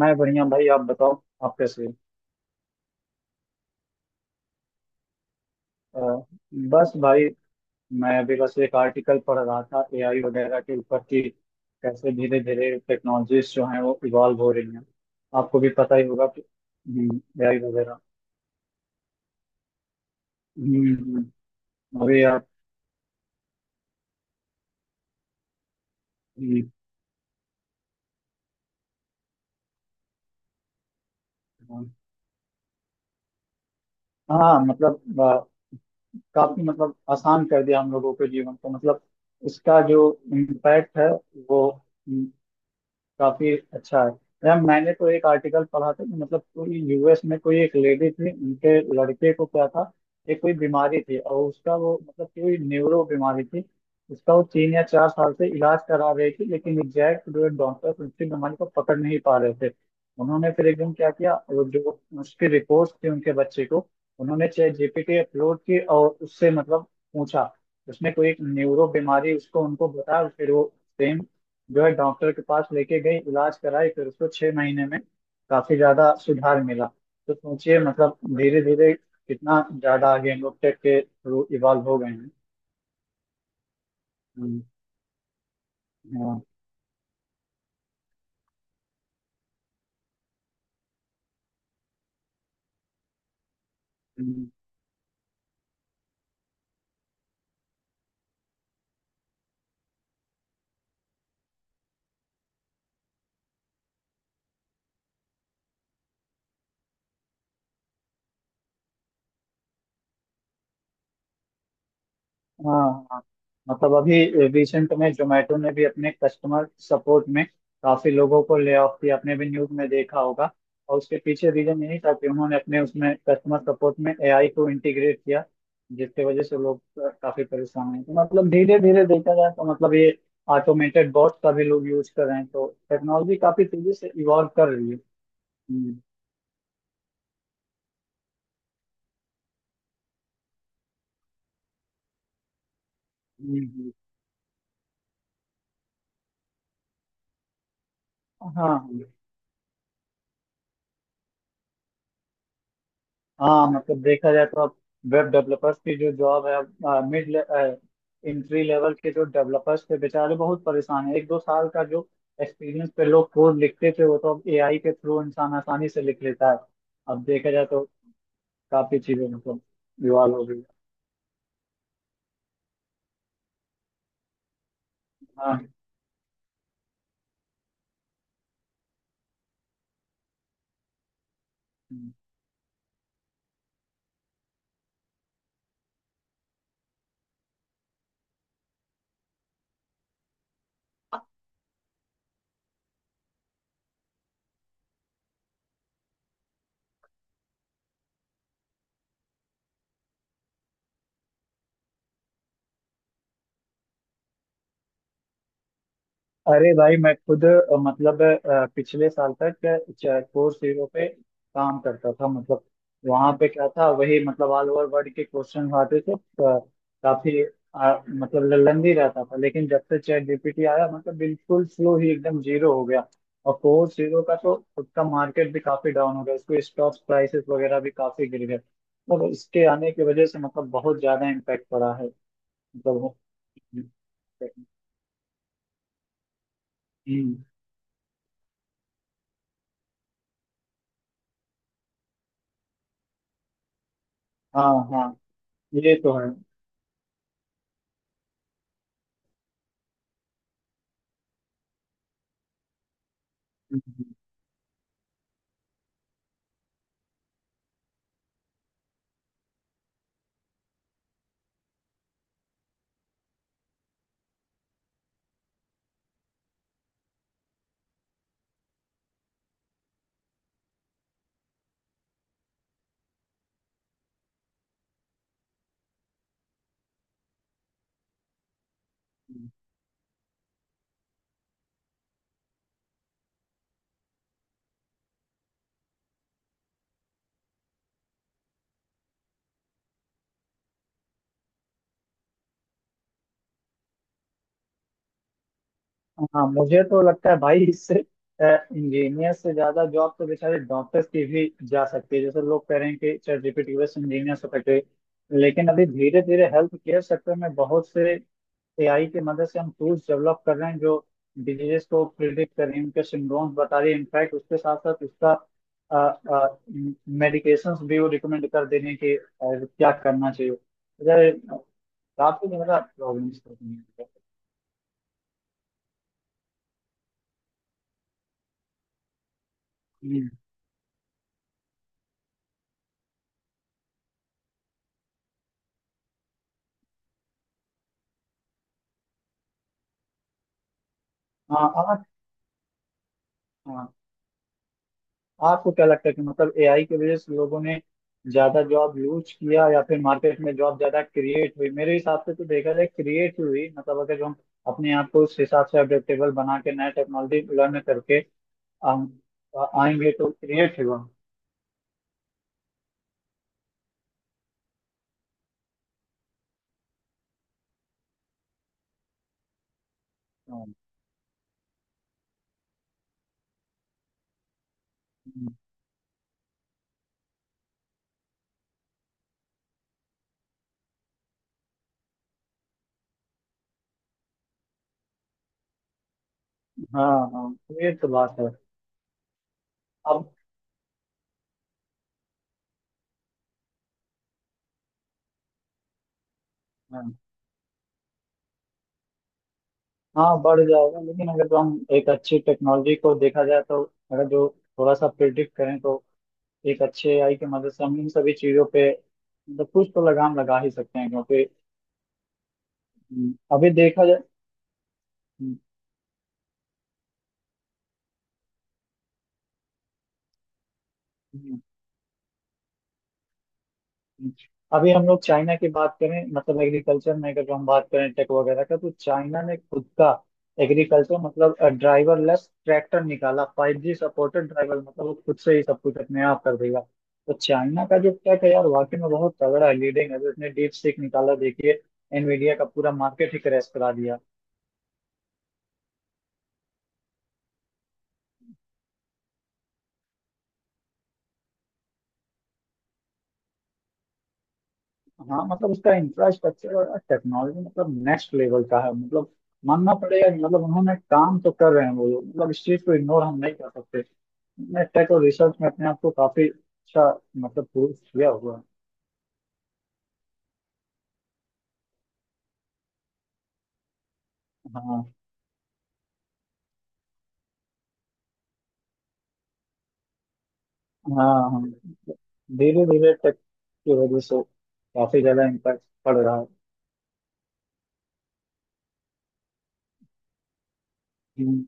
मैं बढ़िया भाई आप बताओ। आप कैसे हो? अ, बस भाई मैं अभी बस एक आर्टिकल पढ़ रहा था एआई वगैरह के ऊपर कि कैसे धीरे धीरे टेक्नोलॉजीज जो हैं वो इवॉल्व हो रही हैं। आपको भी पता ही होगा कि एआई वगैरह। हम्म, हम्म, अभी आप। हम्म। हाँ मतलब काफी मतलब आसान कर दिया हम लोगों के जीवन को मतलब इसका जो इम्पैक्ट है वो काफी अच्छा है। यार मैंने तो एक आर्टिकल पढ़ा था कि मतलब कोई यूएस में कोई एक लेडी थी उनके लड़के को क्या था। एक कोई बीमारी थी और उसका वो मतलब कोई न्यूरो बीमारी थी। उसका वो 3 या 4 साल से इलाज करा रही थी लेकिन एग्जैक्ट जो है डॉक्टर उसकी बीमारी को पकड़ नहीं पा रहे थे। उन्होंने फिर एकदम क्या किया वो जो उसकी रिपोर्ट थी उनके बच्चे को उन्होंने चैट जीपीटी अपलोड की और उससे मतलब पूछा। उसने कोई एक न्यूरो बीमारी उसको उनको बताया फिर वो सेम जो है डॉक्टर के पास लेके गई इलाज कराई फिर उसको 6 महीने में काफी ज्यादा सुधार मिला। तो सोचिए मतलब धीरे धीरे कितना ज्यादा आगे हम लोग टेक के थ्रू इवॉल्व हो गए हैं। हम्म, हाँ, हम्म। हाँ हाँ। मतलब अभी रिसेंट में जोमेटो ने भी अपने कस्टमर सपोर्ट में काफी लोगों को ले ऑफ किया। आपने भी न्यूज में देखा होगा। और उसके पीछे रीजन यही था कि उन्होंने अपने उसमें कस्टमर सपोर्ट में एआई को इंटीग्रेट किया जिसकी वजह से लोग काफी परेशान हैं। तो मतलब धीरे धीरे देखा जाए तो मतलब ये ऑटोमेटेड बॉट का भी लोग यूज कर रहे हैं तो टेक्नोलॉजी काफी तेजी से इवॉल्व कर रही है। हम्म, हम्म, हम्म। हाँ हाँ हाँ। मतलब देखा जाए तो अब वेब डेवलपर्स की जो जॉब है अब मिड इंट्री लेवल के जो डेवलपर्स थे बेचारे बहुत परेशान है। एक दो साल का जो एक्सपीरियंस पे लोग कोड लिखते थे वो तो अब एआई के थ्रू इंसान आसानी से लिख लेता है। अब देखा जाए तो काफी चीजें मतलब इवॉल्व हो गई है। हाँ। अरे भाई मैं खुद मतलब पिछले साल तक कोर्स जीरो पे काम करता था मतलब वहां पे क्या था वही मतलब ऑल ओवर वर्ल्ड के क्वेश्चन आते थे काफी मतलब लंदी रहता था लेकिन जब से चैट जीपीटी आया मतलब बिल्कुल फ्लो ही एकदम जीरो हो गया। और कोर्स जीरो का तो उसका मार्केट भी काफी डाउन हो गया। उसके स्टॉक प्राइसेस वगैरह भी काफी गिर गए। मतलब इसके आने की वजह से मतलब बहुत ज्यादा इम्पेक्ट पड़ा है। मतलब हम्म। हाँ हाँ। ये तो है। हाँ। मुझे तो लगता है भाई इससे इंजीनियर से ज्यादा जॉब तो बेचारे डॉक्टर्स की भी जा सकती है जैसे लोग कह रहे हैं कि चैट जीपीटी बस इंजीनियर हो सकते हैं, लेकिन अभी धीरे धीरे हेल्थ केयर सेक्टर में बहुत से एआई की मदद से हम टूल्स डेवलप कर रहे हैं जो डिजीजेस को प्रिडिक्ट कर रही हैं। उनके सिम्टोम्स बता रही है। इनफैक्ट उसके साथ साथ उसका मेडिकेशंस भी वो रिकमेंड कर दे रही हैं कि क्या करना चाहिए अगर काफी ज्यादा प्रॉब्लम्स होती हैं। हाँ आप। हाँ। आपको क्या लगता है कि मतलब एआई की वजह से लोगों ने ज्यादा जॉब लूज किया या फिर मार्केट में जॉब ज्यादा क्रिएट हुई? मेरे हिसाब से तो देखा जाए क्रिएट हुई मतलब अगर जो हम अपने आप को उस हिसाब से अडेप्टेबल बना के नया टेक्नोलॉजी लर्न करके हम आएंगे तो क्रिएट हुआ। हाँ हाँ हाँ, ये तो बात है। अब हाँ हाँ, बढ़ जाएगा लेकिन अगर जो हम एक अच्छी टेक्नोलॉजी को देखा जाए तो अगर जो थोड़ा सा प्रिडिक्ट करें तो एक अच्छे एआई की मदद से हम इन सभी चीजों पे मतलब कुछ तो लगाम लगा ही सकते हैं क्योंकि अभी देखा जाए। हम्म, हम्म, हम्म। अभी हम लोग चाइना की बात करें मतलब एग्रीकल्चर में अगर हम बात करें टेक वगैरह का तो चाइना ने खुद का एग्रीकल्चर मतलब ड्राइवर लेस ट्रैक्टर निकाला 5G सपोर्टेड ड्राइवर मतलब वो खुद से ही सब कुछ अपने आप कर देगा। तो चाइना का जो टेक है यार वाकई में बहुत तगड़ा है। लीडिंग है। उसने डीप सीख निकाला। देखिए एनवीडिया का पूरा मार्केट ही क्रैश करा दिया। हाँ मतलब उसका इंफ्रास्ट्रक्चर और टेक्नोलॉजी मतलब नेक्स्ट लेवल का है। मतलब मानना पड़ेगा कि मतलब उन्होंने काम तो कर रहे हैं वो लोग मतलब इस चीज को इग्नोर हम नहीं कर सकते। उन्होंने टेक और रिसर्च में अपने आप को काफी अच्छा मतलब प्रूव किया हुआ है। हाँ हाँ हाँ। धीरे धीरे टेक की वजह से काफी ज्यादा इम्पैक्ट पड़ रहा है। हम्म,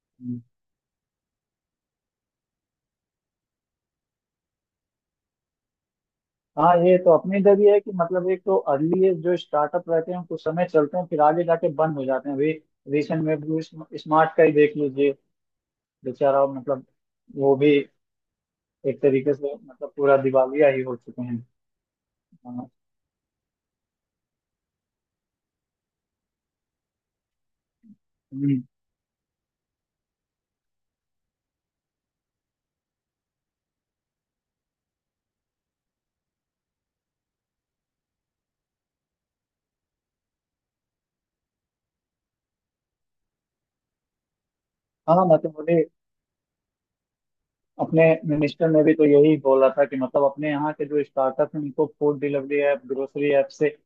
हम्म। हाँ ये तो अपने इधर ही है कि मतलब एक तो अर्ली एज जो स्टार्टअप रहते हैं कुछ समय चलते हैं फिर आगे जाके बंद हो जाते हैं। अभी रिसेंट में ब्लू स्मार्ट का ही देख लीजिए बेचारा मतलब वो भी एक तरीके से मतलब पूरा दिवालिया ही हो चुके हैं। हाँ। हम्म, हाँ, मतलब मुझे अपने मिनिस्टर ने भी तो यही बोला था कि मतलब अपने यहाँ के जो स्टार्टअप हैं उनको food delivery app grocery app से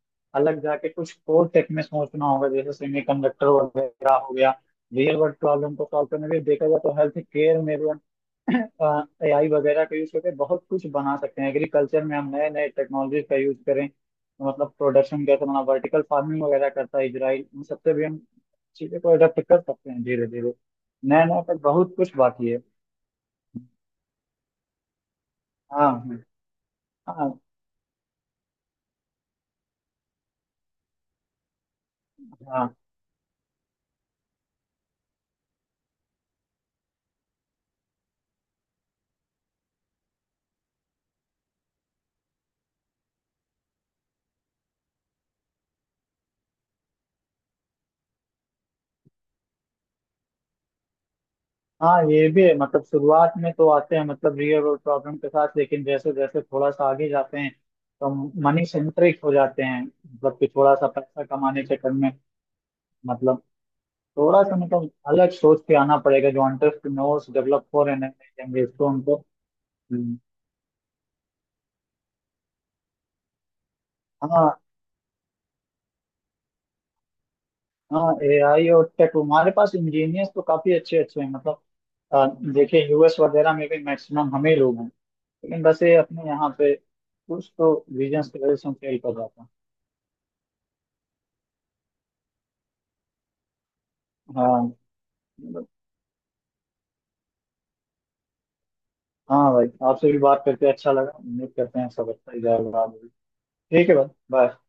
अलग जाके कुछ और टेक में सोचना होगा जैसे सेमीकंडक्टर वगैरह हो गया। रियल वर्ल्ड प्रॉब्लम को सॉल्व करने के लिए देखा जाए तो हेल्थ केयर में भी एआई वगैरह का यूज करके बहुत कुछ बना सकते हैं। एग्रीकल्चर में हम नए नए टेक्नोलॉजी का यूज करें तो मतलब प्रोडक्शन कैसे बना वर्टिकल फार्मिंग वगैरह करता है इजराइल। इन सबसे भी हम चीज़ों को अडेप्ट कर सकते हैं धीरे धीरे। नया नया पर बहुत कुछ बाकी है। हाँ हाँ हाँ हाँ। हाँ, ये भी है मतलब शुरुआत में तो आते हैं मतलब रियल वर्ल्ड प्रॉब्लम के साथ लेकिन जैसे जैसे थोड़ा सा आगे जाते हैं तो मनी सेंट्रिक हो जाते हैं। मतलब कि थोड़ा सा पैसा कमाने के चक्कर में मतलब थोड़ा सा मतलब अलग सोच के आना पड़ेगा जो एंटरप्रेन्योर्स डेवलप हो रहे हैं नए नए generation, तो उनको हम्म, हाँ हाँ। एआई और टेक हमारे पास इंजीनियर्स तो काफी अच्छे अच्छे हैं मतलब अ, देखिए यूएस वगैरह में भी मैक्सिमम हम ही लोग हैं लेकिन बस ये अपने यहाँ पे कुछ तो रीजंस की वजह से हम फेल कर जाते हैं। हाँ मतलब हाँ भाई आपसे भी बात करके अच्छा लगा। उम्मीद करते हैं सब अच्छा ही जाएगा आगे भी। ठीक है भाई बाय।